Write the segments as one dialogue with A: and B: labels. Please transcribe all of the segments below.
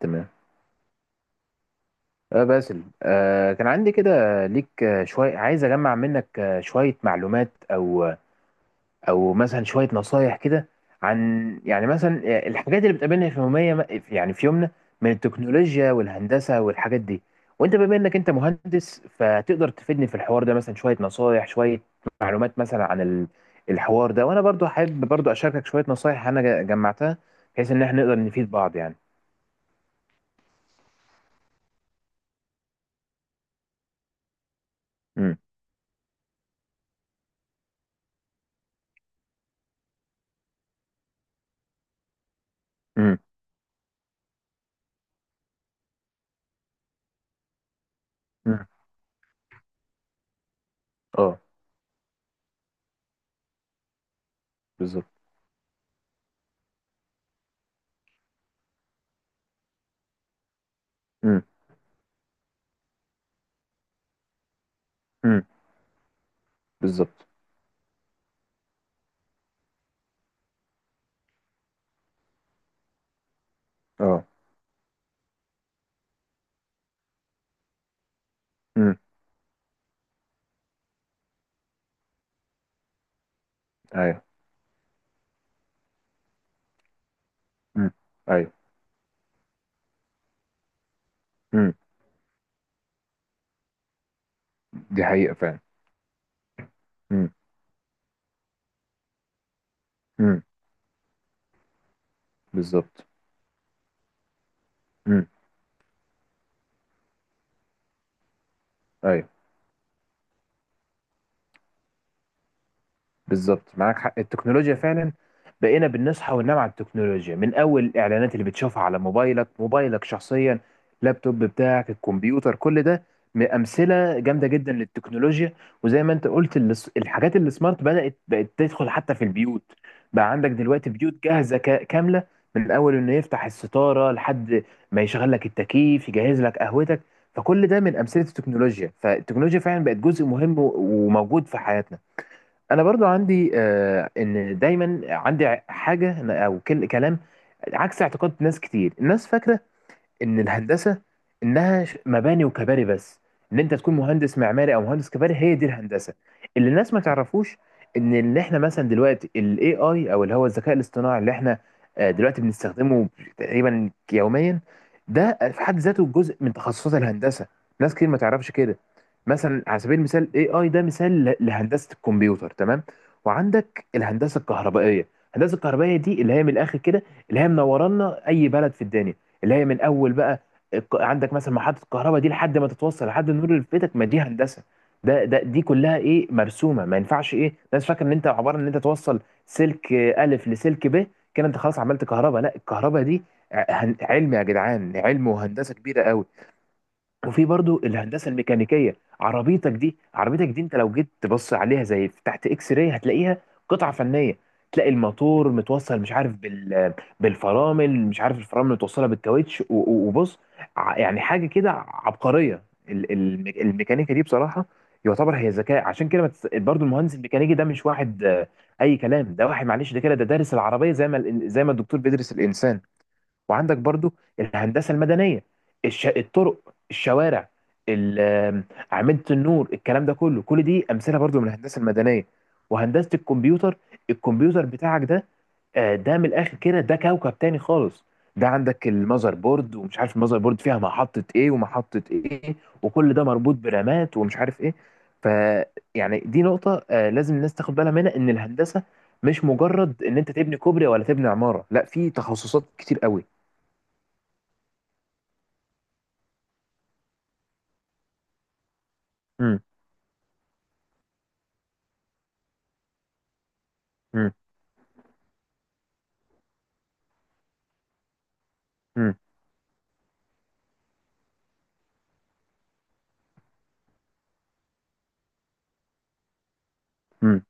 A: تمام. باسل، كان عندي كده ليك شوية. عايز أجمع منك شوية معلومات، أو مثلا شوية نصايح كده عن، يعني مثلا، الحاجات اللي بتقابلنا في يومية، يعني في يومنا، من التكنولوجيا والهندسة والحاجات دي. وأنت بما إنك أنت مهندس فتقدر تفيدني في الحوار ده. مثلا شوية نصايح، شوية معلومات مثلا عن الحوار ده. وأنا برضو حابب برضو أشاركك شوية نصايح أنا جمعتها بحيث إن إحنا نقدر نفيد بعض يعني. امم. امم. امم. اه. بالظبط. مم. مم. بالظبط. اه. امم. ايوه. امم. ايوه. امم. دي حقيقة فعلا. امم. امم. بالظبط. امم. ايوه. بالظبط، معاك حق، التكنولوجيا فعلا بقينا بنصحى وننام على التكنولوجيا، من اول الاعلانات اللي بتشوفها على موبايلك، موبايلك شخصيا، اللابتوب بتاعك، الكمبيوتر، كل ده امثله جامده جدا للتكنولوجيا. وزي ما انت قلت، الحاجات اللي سمارت بدات بقت تدخل حتى في البيوت. بقى عندك دلوقتي بيوت جاهزه كامله، من اول انه يفتح الستاره لحد ما يشغل لك التكييف، يجهز لك قهوتك. فكل ده من امثله التكنولوجيا، فالتكنولوجيا فعلا بقت جزء مهم وموجود في حياتنا. انا برضو عندي، ان دايما عندي حاجه او كلام عكس اعتقاد ناس كتير. الناس فاكره ان الهندسه، انها مباني وكباري بس، ان انت تكون مهندس معماري او مهندس كباري هي دي الهندسه. اللي الناس ما تعرفوش، ان احنا مثلا دلوقتي الاي اي، او اللي هو الذكاء الاصطناعي اللي احنا دلوقتي بنستخدمه تقريبا يوميا، ده في حد ذاته جزء من تخصصات الهندسه. ناس كتير ما تعرفش كده. مثلا على سبيل المثال الاي اي ده مثال لهندسه الكمبيوتر، تمام. وعندك الهندسه الكهربائيه. الهندسه الكهربائيه دي اللي هي من الاخر كده اللي هي منورانا اي بلد في الدنيا، اللي هي من اول بقى عندك مثلا محطه الكهرباء دي لحد ما تتوصل لحد النور اللي في بيتك، ما دي هندسه. ده دي كلها ايه، مرسومه. ما ينفعش ايه، الناس فاكره ان انت عباره ان انت توصل سلك الف لسلك ب، كده انت خلاص عملت كهرباء. لا، الكهرباء دي علم يا جدعان، علم وهندسه كبيره قوي. وفي برضو الهندسه الميكانيكيه. عربيتك دي انت لو جيت تبص عليها زي تحت اكس راي هتلاقيها قطعه فنيه. تلاقي الموتور متوصل، مش عارف، بالفرامل، مش عارف الفرامل متوصله بالكاوتش وبص يعني حاجه كده عبقريه. الميكانيكا دي بصراحه يعتبر هي ذكاء. عشان كده ما تس- برضو المهندس الميكانيكي ده مش واحد، اي كلام. ده واحد معلش ده كده، ده دارس العربيه زي ما زي ما الدكتور بيدرس الانسان. وعندك برضو الهندسه المدنيه، الطرق، الشوارع، ال- آم، اعمده النور، الكلام ده كله، كل دي امثله برضو من الهندسه المدنيه. وهندسه الكمبيوتر، الكمبيوتر بتاعك ده، ده من الاخر كده ده كوكب تاني خالص. ده عندك المذر بورد، ومش عارف المذر بورد فيها محطة ايه ومحطة ايه، وكل ده مربوط برامات، ومش عارف ايه. ف يعني دي نقطة لازم الناس تاخد بالها منها، ان الهندسة مش مجرد ان انت تبني كوبري ولا تبني عمارة، لا، في تخصصات كتير قوي. مم. مم. مم. مم.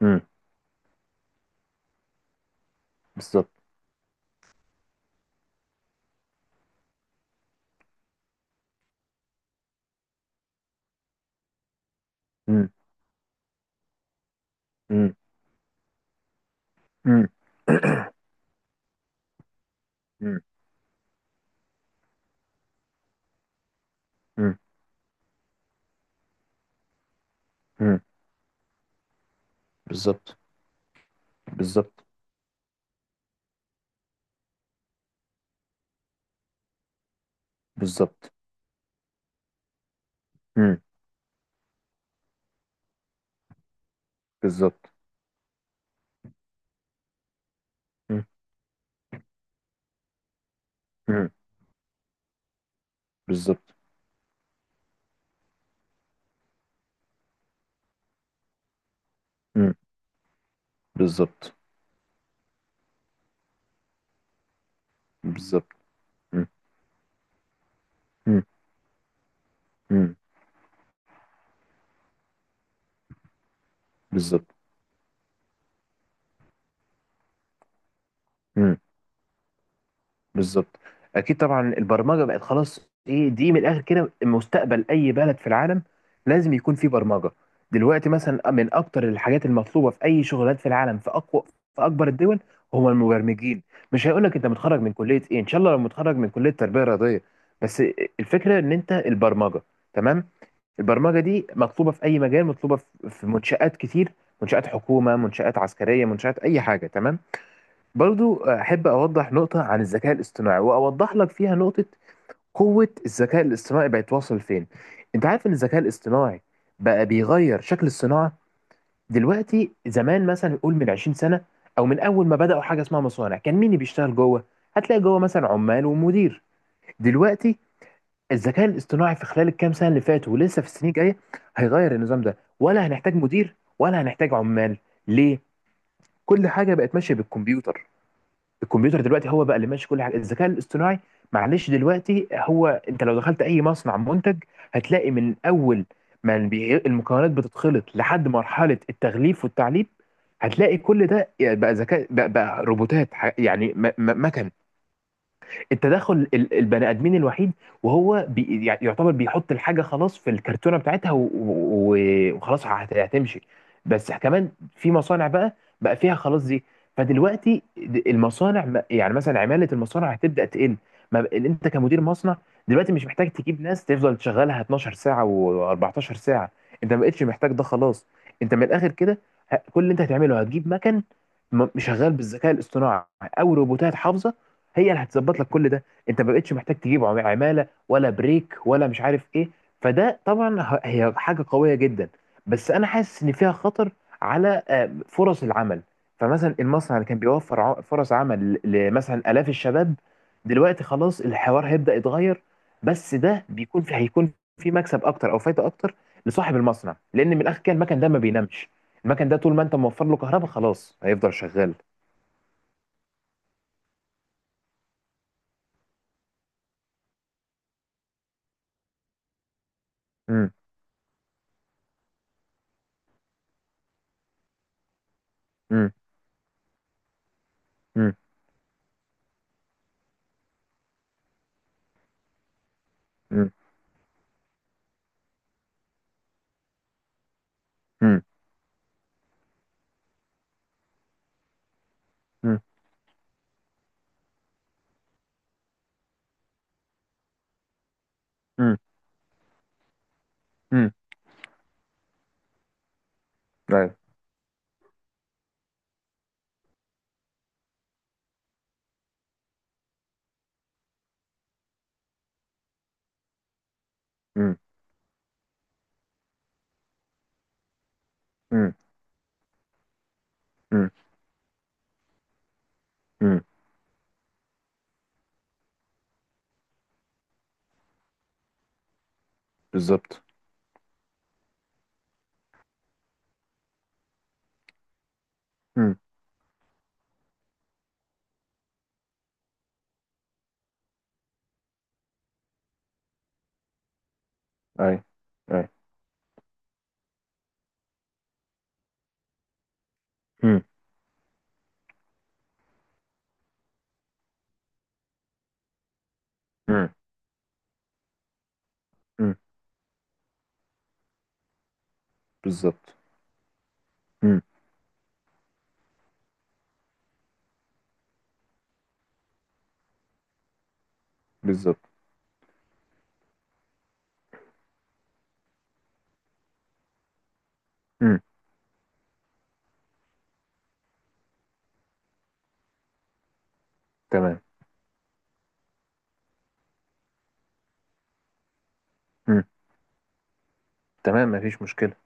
A: مم. بالظبط. مم. مم. مم. مم. مم. مم. بالظبط. بالظبط. بالظبط. مم. بالظبط. مم. مم. بالظبط. مم. بالظبط. بالظبط. مم. مم. مم. بالظبط. مم. بالظبط. اكيد طبعا البرمجه بقت خلاص ايه، دي من الاخر كده مستقبل اي بلد في العالم، لازم يكون فيه برمجه. دلوقتي مثلا من اكتر الحاجات المطلوبه في اي شغلات في العالم، في اقوى، في اكبر الدول، هم المبرمجين. مش هيقول لك انت متخرج من كليه ايه، ان شاء الله لو متخرج من كليه تربيه رياضيه بس، الفكره ان انت البرمجه، تمام. البرمجه دي مطلوبه في اي مجال، مطلوبه في، في منشات كتير، منشات حكومه، منشات عسكريه، منشات اي حاجه، تمام. برضو أحب أوضح نقطة عن الذكاء الاصطناعي، وأوضح لك فيها نقطة قوة الذكاء الاصطناعي بقت واصل فين. أنت عارف إن الذكاء الاصطناعي بقى بيغير شكل الصناعة دلوقتي. زمان مثلا يقول من 20 سنة، أو من أول ما بدأوا حاجة اسمها مصانع، كان مين اللي بيشتغل جوه؟ هتلاقي جوه مثلا عمال ومدير. دلوقتي الذكاء الاصطناعي في خلال الكام سنة اللي فاتوا ولسه في السنين الجاية هيغير النظام ده. ولا هنحتاج مدير ولا هنحتاج عمال. ليه؟ كل حاجة بقت ماشية بالكمبيوتر. الكمبيوتر دلوقتي هو بقى اللي ماشي كل حاجه، الذكاء الاصطناعي. معلش، دلوقتي هو انت لو دخلت اي مصنع منتج هتلاقي من اول ما المكونات بتتخلط لحد مرحله التغليف والتعليب، هتلاقي كل ده بقى ذكاء، بقى روبوتات، يعني مكن. التدخل البني ادمين الوحيد وهو يعني يعتبر بيحط الحاجه خلاص في الكرتونه بتاعتها وخلاص هتمشي بس. كمان في مصانع بقى، بقى فيها خلاص دي. فدلوقتي المصانع يعني مثلا عماله المصانع هتبدا تقل. ما ب- انت كمدير مصنع دلوقتي مش محتاج تجيب ناس تفضل تشغلها 12 ساعه و14 ساعه. انت ما بقتش محتاج ده، خلاص. انت من الاخر كده كل اللي انت هتعمله هتجيب مكن شغال بالذكاء الاصطناعي او روبوتات حافظه، هي اللي هتظبط لك كل ده. انت ما بقتش محتاج تجيب عماله ولا بريك ولا مش عارف ايه. فده طبعا هي حاجه قويه جدا، بس انا حاسس ان فيها خطر على فرص العمل. فمثلا المصنع اللي كان بيوفر فرص عمل لمثلا الاف الشباب، دلوقتي خلاص الحوار هيبدا يتغير. بس ده بيكون في، هيكون في مكسب اكتر او فايده اكتر لصاحب المصنع، لان من الاخر كده المكن ده ما بينامش. المكن ده طول ما انت موفر له كهرباء خلاص هيفضل شغال. امم. امم. امم. امم. امم. امم. امم. امم. ايوه. امم. امم. امم. امم. بالظبط. امم. ايوه. ايوه. امم. امم. امم. بالظبط. امم. بالظبط. امم. تمام. امم. تمام، مفيش مشكلة.